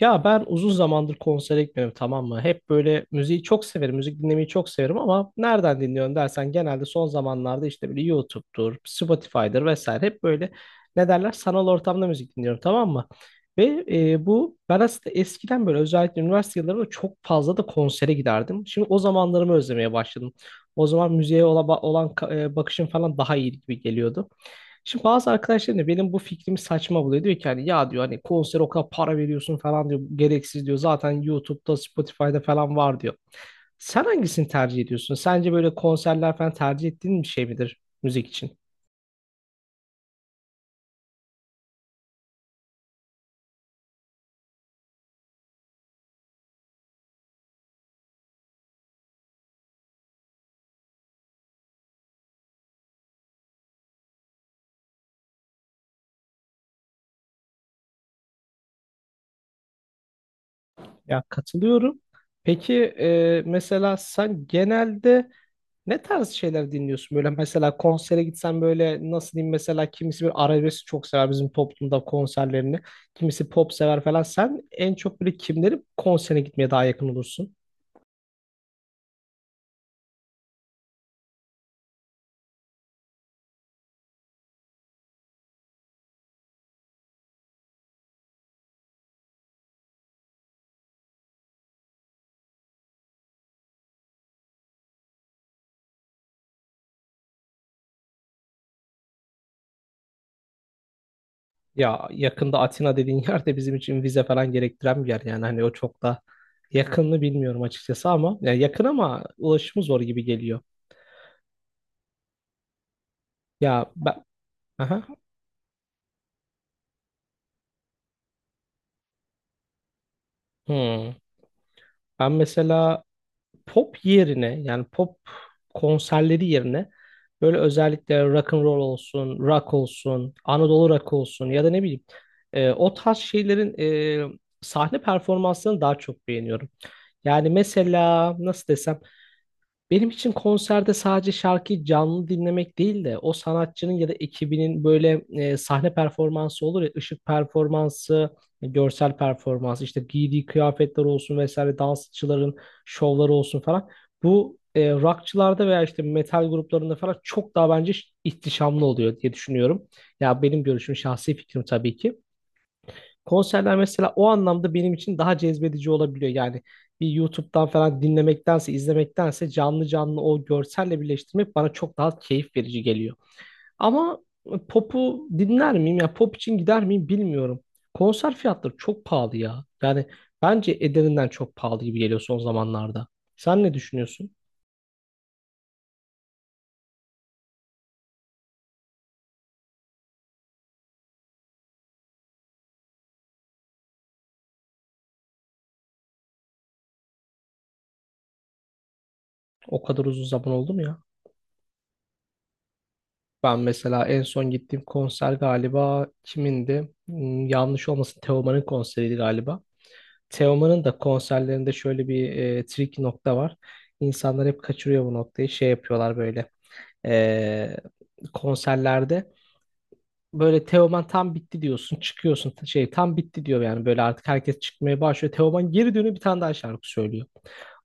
Ya ben uzun zamandır konsere gitmiyorum, tamam mı? Hep böyle müziği çok severim, müzik dinlemeyi çok severim ama nereden dinliyorum dersen genelde son zamanlarda işte böyle YouTube'dur, Spotify'dır vesaire, hep böyle ne derler, sanal ortamda müzik dinliyorum, tamam mı? Ve bu ben aslında eskiden böyle özellikle üniversite yıllarında çok fazla da konsere giderdim. Şimdi o zamanlarımı özlemeye başladım. O zaman müziğe olan bakışım falan daha iyi gibi geliyordu. Şimdi bazı arkadaşlarım da benim bu fikrimi saçma buluyor. Diyor ki hani ya, diyor, hani konser o kadar para veriyorsun falan diyor. Gereksiz diyor. Zaten YouTube'da, Spotify'da falan var diyor. Sen hangisini tercih ediyorsun? Sence böyle konserler falan tercih ettiğin bir şey midir müzik için? Ya, katılıyorum. Peki mesela sen genelde ne tarz şeyler dinliyorsun? Böyle mesela konsere gitsen, böyle nasıl diyeyim, mesela kimisi bir arabesk çok sever bizim toplumda konserlerini. Kimisi pop sever falan. Sen en çok böyle kimlerin konserine gitmeye daha yakın olursun? Ya, yakında Atina dediğin yer de bizim için vize falan gerektiren bir yer. Yani hani o çok da yakınını bilmiyorum açıkçası ama ya yakın, ama ulaşımı zor gibi geliyor. Ya ben... Aha. Hmm. Ben mesela pop yerine, yani pop konserleri yerine böyle özellikle rock and roll olsun, rock olsun, Anadolu rock olsun, ya da ne bileyim, o tarz şeylerin sahne performanslarını daha çok beğeniyorum. Yani mesela nasıl desem, benim için konserde sadece şarkıyı canlı dinlemek değil de o sanatçının ya da ekibinin böyle sahne performansı olur ya, ışık performansı, görsel performansı, işte giydiği kıyafetler olsun vesaire, dansçıların şovları olsun falan. Bu rockçılarda veya işte metal gruplarında falan çok daha bence ihtişamlı oluyor diye düşünüyorum. Ya, benim görüşüm, şahsi fikrim tabii ki. Konserler mesela o anlamda benim için daha cezbedici olabiliyor. Yani bir YouTube'dan falan dinlemektense, izlemektense canlı canlı o görselle birleştirmek bana çok daha keyif verici geliyor. Ama pop'u dinler miyim, ya pop için gider miyim bilmiyorum. Konser fiyatları çok pahalı ya. Yani bence ederinden çok pahalı gibi geliyor son zamanlarda. Sen ne düşünüyorsun? O kadar uzun zaman oldu mu ya? Ben mesela en son gittiğim konser galiba kimindi? Hmm, yanlış olmasın, Teoman'ın konseriydi galiba. Teoman'ın da konserlerinde şöyle bir trik nokta var. İnsanlar hep kaçırıyor bu noktayı. Şey yapıyorlar böyle e, konserlerde. Böyle Teoman tam bitti diyorsun. Çıkıyorsun, tam bitti diyor yani. Böyle artık herkes çıkmaya başlıyor. Teoman geri dönüyor, bir tane daha şarkı söylüyor.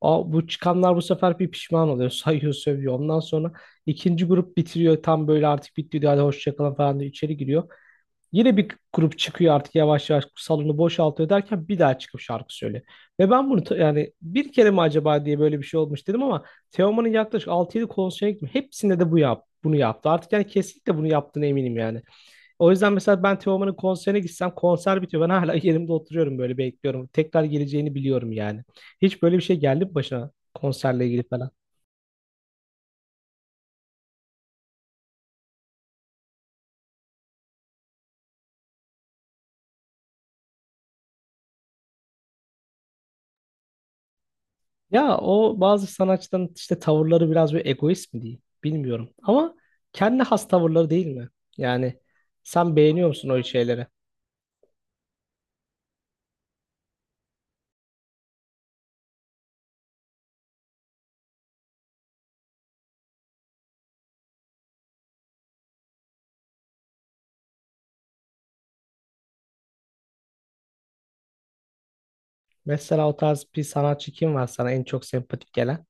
O bu çıkanlar bu sefer bir pişman oluyor. Sayıyor, sövüyor. Ondan sonra ikinci grup bitiriyor. Tam böyle artık bitti diyor. Hadi hoşça kalın falan diye içeri giriyor. Yine bir grup çıkıyor, artık yavaş yavaş salonu boşaltıyor derken bir daha çıkıp şarkı söylüyor. Ve ben bunu yani bir kere mi acaba diye, böyle bir şey olmuş dedim ama Teoman'ın yaklaşık altı yedi konserine gittim. Hepsinde de bu yap bunu yaptı. Artık yani kesinlikle bunu yaptığına eminim yani. O yüzden mesela ben Teoman'ın konserine gitsem konser bitiyor, ben hala yerimde oturuyorum, böyle bekliyorum. Tekrar geleceğini biliyorum yani. Hiç böyle bir şey geldi mi başına konserle ilgili falan? Ya o bazı sanatçıların işte tavırları biraz böyle egoist mi diyeyim, bilmiyorum. Ama kendi has tavırları değil mi? Yani sen beğeniyor musun o şeyleri? Mesela o tarz bir sanatçı kim var sana en çok sempatik gelen?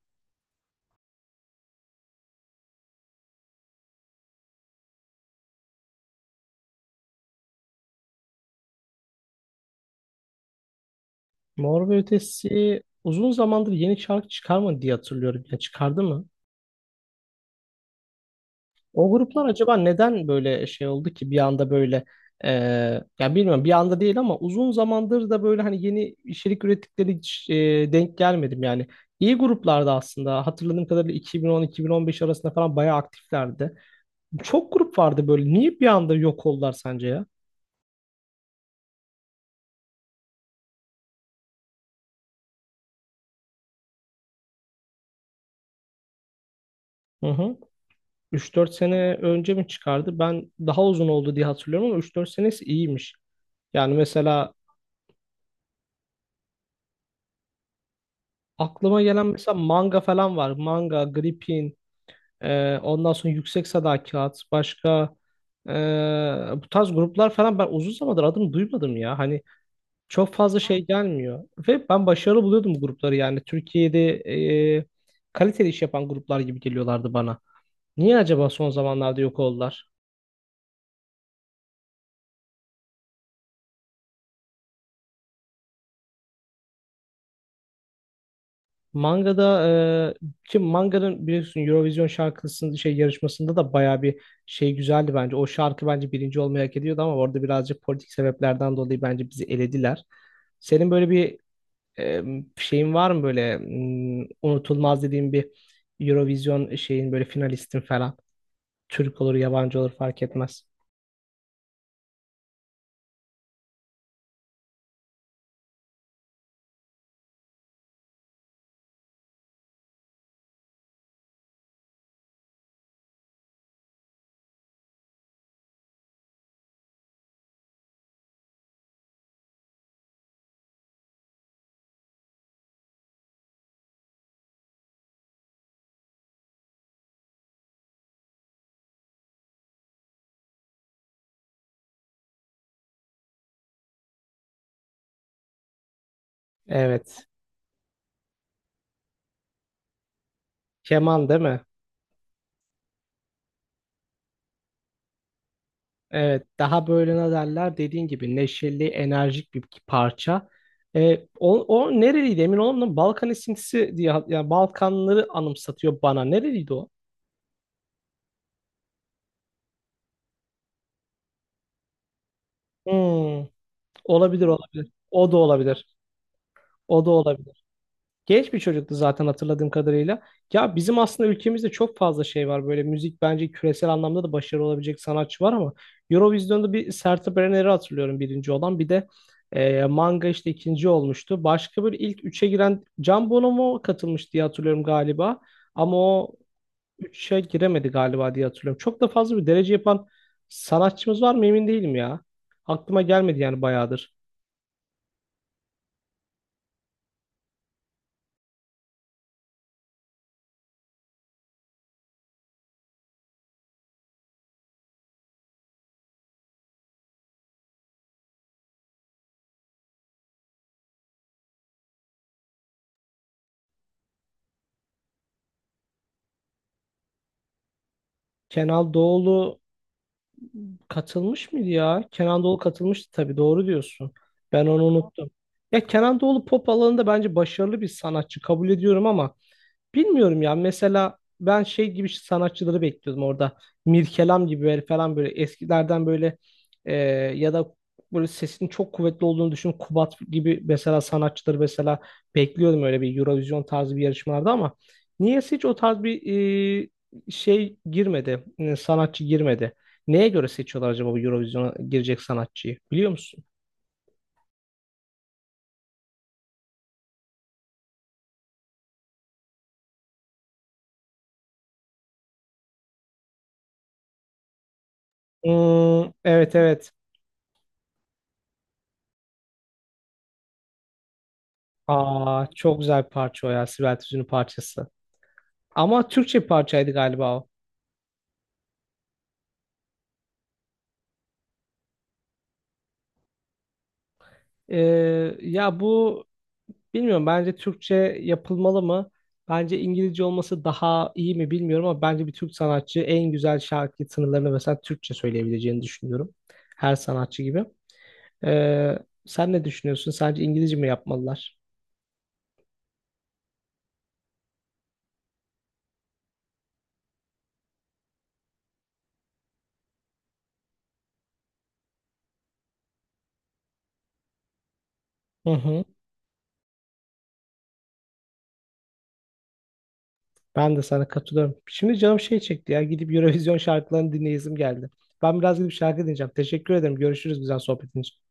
Mor ve Ötesi uzun zamandır yeni şarkı çıkarmadı diye hatırlıyorum. Ya, çıkardı mı? O gruplar acaba neden böyle şey oldu ki bir anda böyle, e, ya bilmiyorum, bir anda değil ama uzun zamandır da böyle hani yeni içerik ürettikleri hiç, denk gelmedim yani. İyi gruplardı aslında. Hatırladığım kadarıyla 2010-2015 arasında falan bayağı aktiflerdi. Çok grup vardı böyle. Niye bir anda yok oldular sence ya? Hı hı. 3-4 sene önce mi çıkardı? Ben daha uzun oldu diye hatırlıyorum ama 3-4 senesi iyiymiş. Yani mesela aklıma gelen mesela manga falan var. Manga, Gripin, ondan sonra Yüksek Sadakat, başka e, bu tarz gruplar falan ben uzun zamandır adını duymadım ya. Hani çok fazla şey gelmiyor. Ve ben başarılı buluyordum bu grupları yani. Türkiye'de e, kaliteli iş yapan gruplar gibi geliyorlardı bana. Niye acaba son zamanlarda yok oldular? Manga'da ki Manga'nın biliyorsun Eurovision şarkısının şey yarışmasında da bayağı bir şey güzeldi bence. O şarkı bence birinci olmayı hak ediyordu ama orada birazcık politik sebeplerden dolayı bence bizi elediler. Senin böyle bir e, şeyin var mı, böyle unutulmaz dediğin bir Eurovision şeyin, böyle finalistin falan. Türk olur, yabancı olur fark etmez. Evet. Keman değil mi? Evet, daha böyle ne derler, dediğin gibi neşeli, enerjik bir parça. O, nereliydi emin olamadım. Balkan esintisi diye, yani Balkanları anımsatıyor bana. Nereliydi o? Hmm, olabilir olabilir. O da olabilir. O da olabilir. Genç bir çocuktu zaten hatırladığım kadarıyla. Ya bizim aslında ülkemizde çok fazla şey var. Böyle müzik bence küresel anlamda da başarılı olabilecek sanatçı var ama Eurovision'da bir Sertab Erener'i hatırlıyorum birinci olan. Bir de Manga işte ikinci olmuştu. Başka böyle ilk üçe giren Can Bono mu katılmış diye hatırlıyorum galiba. Ama o üçe giremedi galiba diye hatırlıyorum. Çok da fazla bir derece yapan sanatçımız var mı emin değilim ya. Aklıma gelmedi yani bayağıdır. Kenal Doğulu katılmış mıydı ya? Kenan Doğulu katılmıştı, tabii, doğru diyorsun. Ben onu unuttum. Ya Kenan Doğulu pop alanında bence başarılı bir sanatçı, kabul ediyorum ama bilmiyorum ya. Mesela ben şey gibi işte sanatçıları bekliyordum orada. Mirkelam gibi böyle falan, böyle eskilerden böyle, e, ya da böyle sesinin çok kuvvetli olduğunu düşün. Kubat gibi mesela sanatçıları mesela bekliyordum öyle bir Eurovision tarzı bir yarışmalarda ama niyeyse hiç o tarz bir şey girmedi. Sanatçı girmedi. Neye göre seçiyorlar acaba bu Eurovision'a girecek sanatçıyı? Biliyor musun? Hmm, evet evet. Aa, çok güzel bir parça o ya. Sibel Tüzün'ün parçası. Ama Türkçe bir parçaydı galiba o. Ee, ya bu bilmiyorum, bence Türkçe yapılmalı mı? Bence İngilizce olması daha iyi mi bilmiyorum ama bence bir Türk sanatçı en güzel şarkı sınırlarını mesela Türkçe söyleyebileceğini düşünüyorum. Her sanatçı gibi. Ee, sen ne düşünüyorsun? Sence İngilizce mi yapmalılar? Hı hı. Ben de sana katılıyorum. Şimdi canım şey çekti ya. Gidip Eurovision şarkılarını dinleyesim geldi. Ben biraz gidip şarkı dinleyeceğim. Teşekkür ederim. Görüşürüz, güzel sohbetin için.